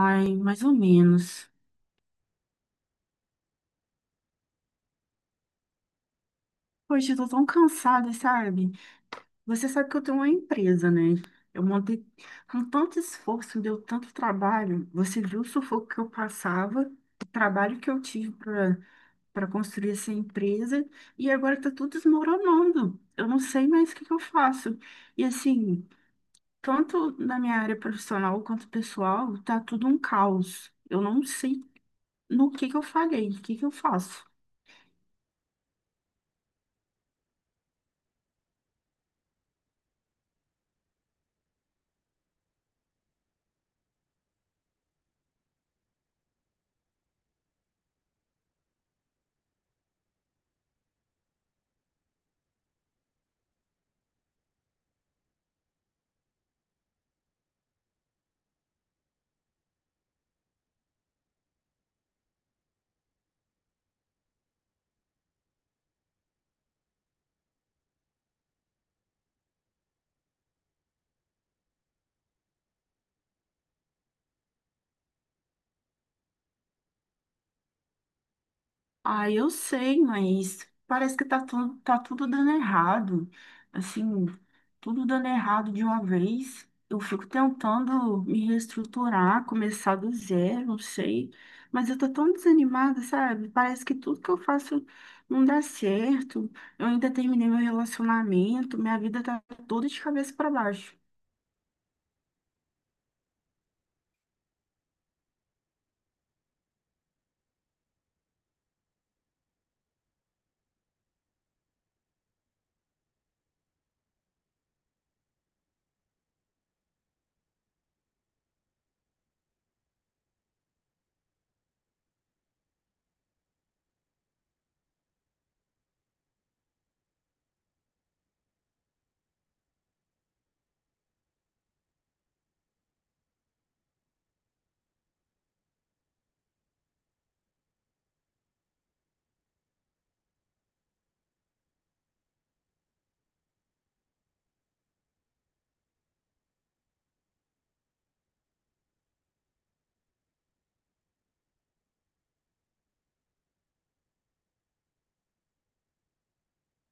Ai, mais ou menos. Poxa, eu tô tão cansada, sabe? Você sabe que eu tenho uma empresa, né? Eu montei com tanto esforço, deu tanto trabalho. Você viu o sufoco que eu passava, o trabalho que eu tive para construir essa empresa, e agora tá tudo desmoronando. Eu não sei mais o que que eu faço. E assim, tanto na minha área profissional quanto pessoal, tá tudo um caos. Eu não sei no que eu falhei, o que que eu faço. Ah, eu sei, mas parece que tá tudo dando errado. Assim, tudo dando errado de uma vez. Eu fico tentando me reestruturar, começar do zero, não sei. Mas eu tô tão desanimada, sabe? Parece que tudo que eu faço não dá certo. Eu ainda terminei meu relacionamento, minha vida tá toda de cabeça para baixo.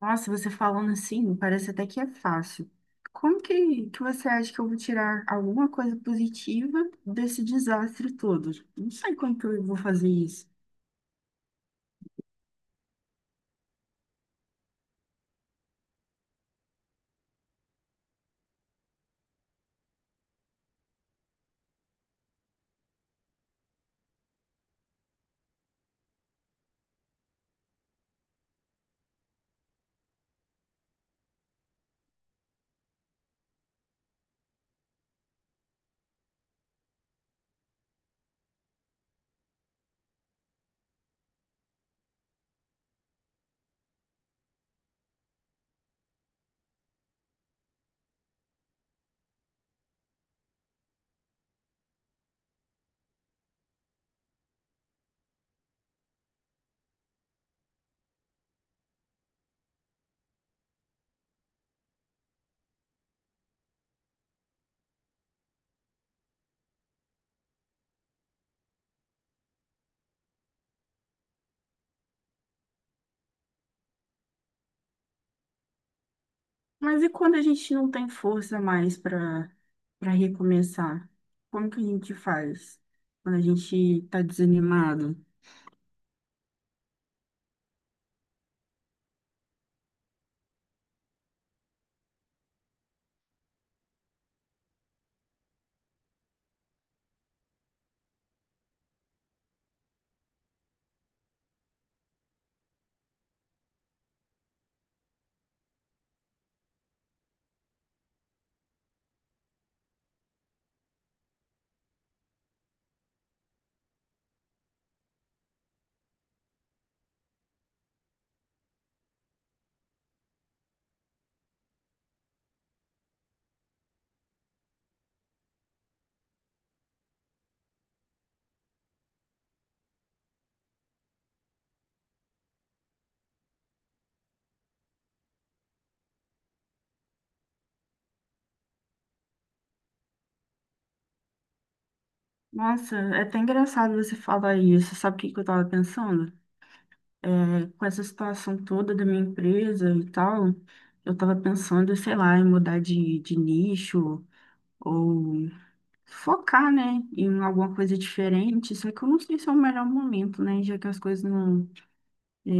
Nossa, você falando assim, parece até que é fácil. Como que você acha que eu vou tirar alguma coisa positiva desse desastre todo? Não sei como que eu vou fazer isso. Mas e quando a gente não tem força mais para recomeçar? Como que a gente faz quando a gente tá desanimado? Nossa, é até engraçado você falar isso. Sabe o que que eu tava pensando? É, com essa situação toda da minha empresa e tal, eu tava pensando, sei lá, em mudar de nicho ou focar, né, em alguma coisa diferente. Só que eu não sei se é o melhor momento, né, já que as coisas é,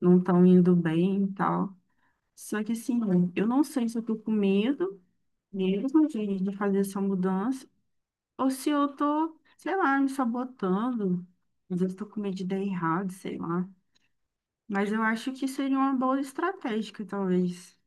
não estão indo bem e tal. Só que assim, eu não sei se eu tô com medo mesmo de fazer essa mudança ou se eu tô, sei lá, me sabotando. Às vezes eu tô com medo de dar errado, sei lá. Mas eu acho que seria uma boa estratégia, talvez.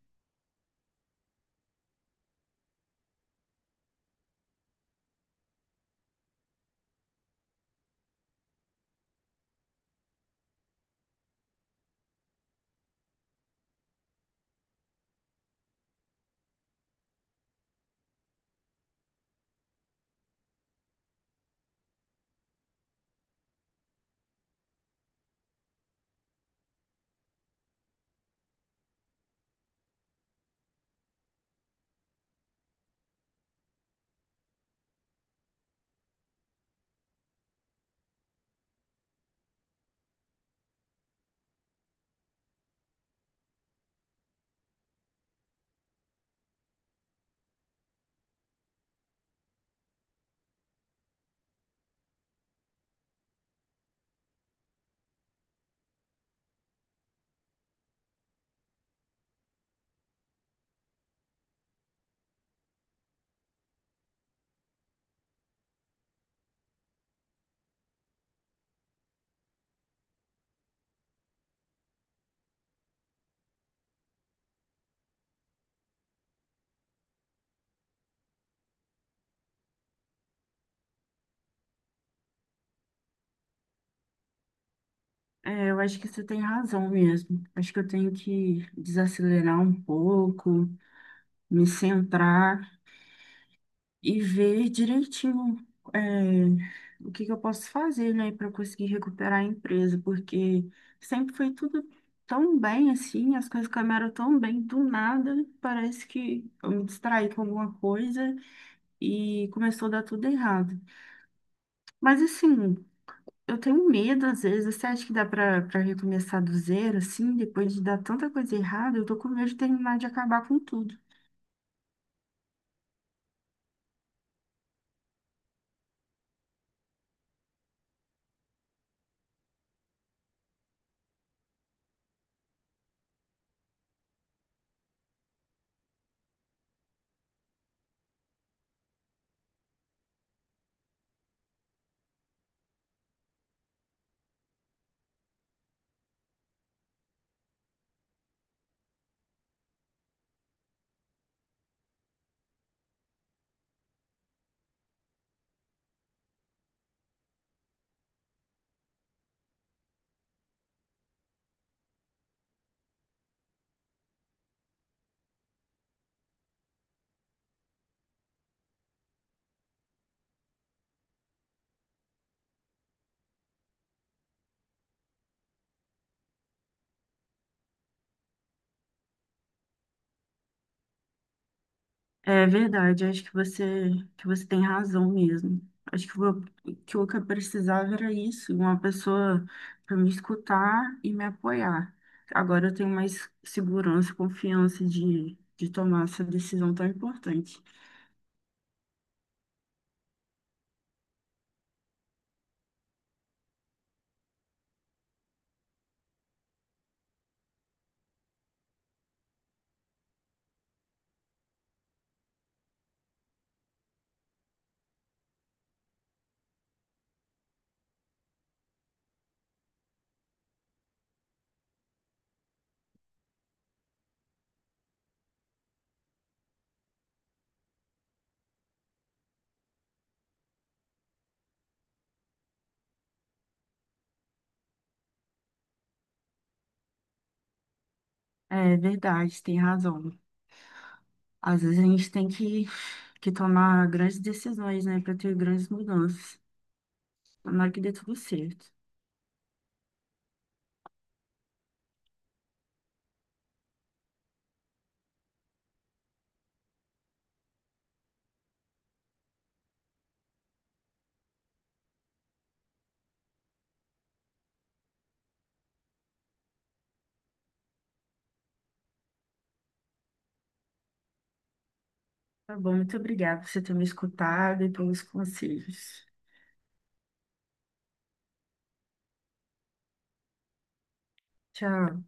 É, eu acho que você tem razão mesmo. Acho que eu tenho que desacelerar um pouco, me centrar e ver direitinho, é, o que que eu posso fazer, né, para conseguir recuperar a empresa, porque sempre foi tudo tão bem assim, as coisas caminharam tão bem, do nada, parece que eu me distraí com alguma coisa e começou a dar tudo errado. Mas assim. Eu tenho medo, às vezes. Você acha que dá pra recomeçar do zero, assim, depois de dar tanta coisa errada? Eu tô com medo de terminar de acabar com tudo. É verdade, que você tem razão mesmo. Acho que o que eu precisava era isso, uma pessoa para me escutar e me apoiar. Agora eu tenho mais segurança, confiança de tomar essa decisão tão importante. É verdade, você tem razão. Às vezes a gente tem que tomar grandes decisões, né, para ter grandes mudanças. Tomara que dê tudo certo. Tá bom, muito obrigada por você ter me escutado e pelos conselhos. Tchau.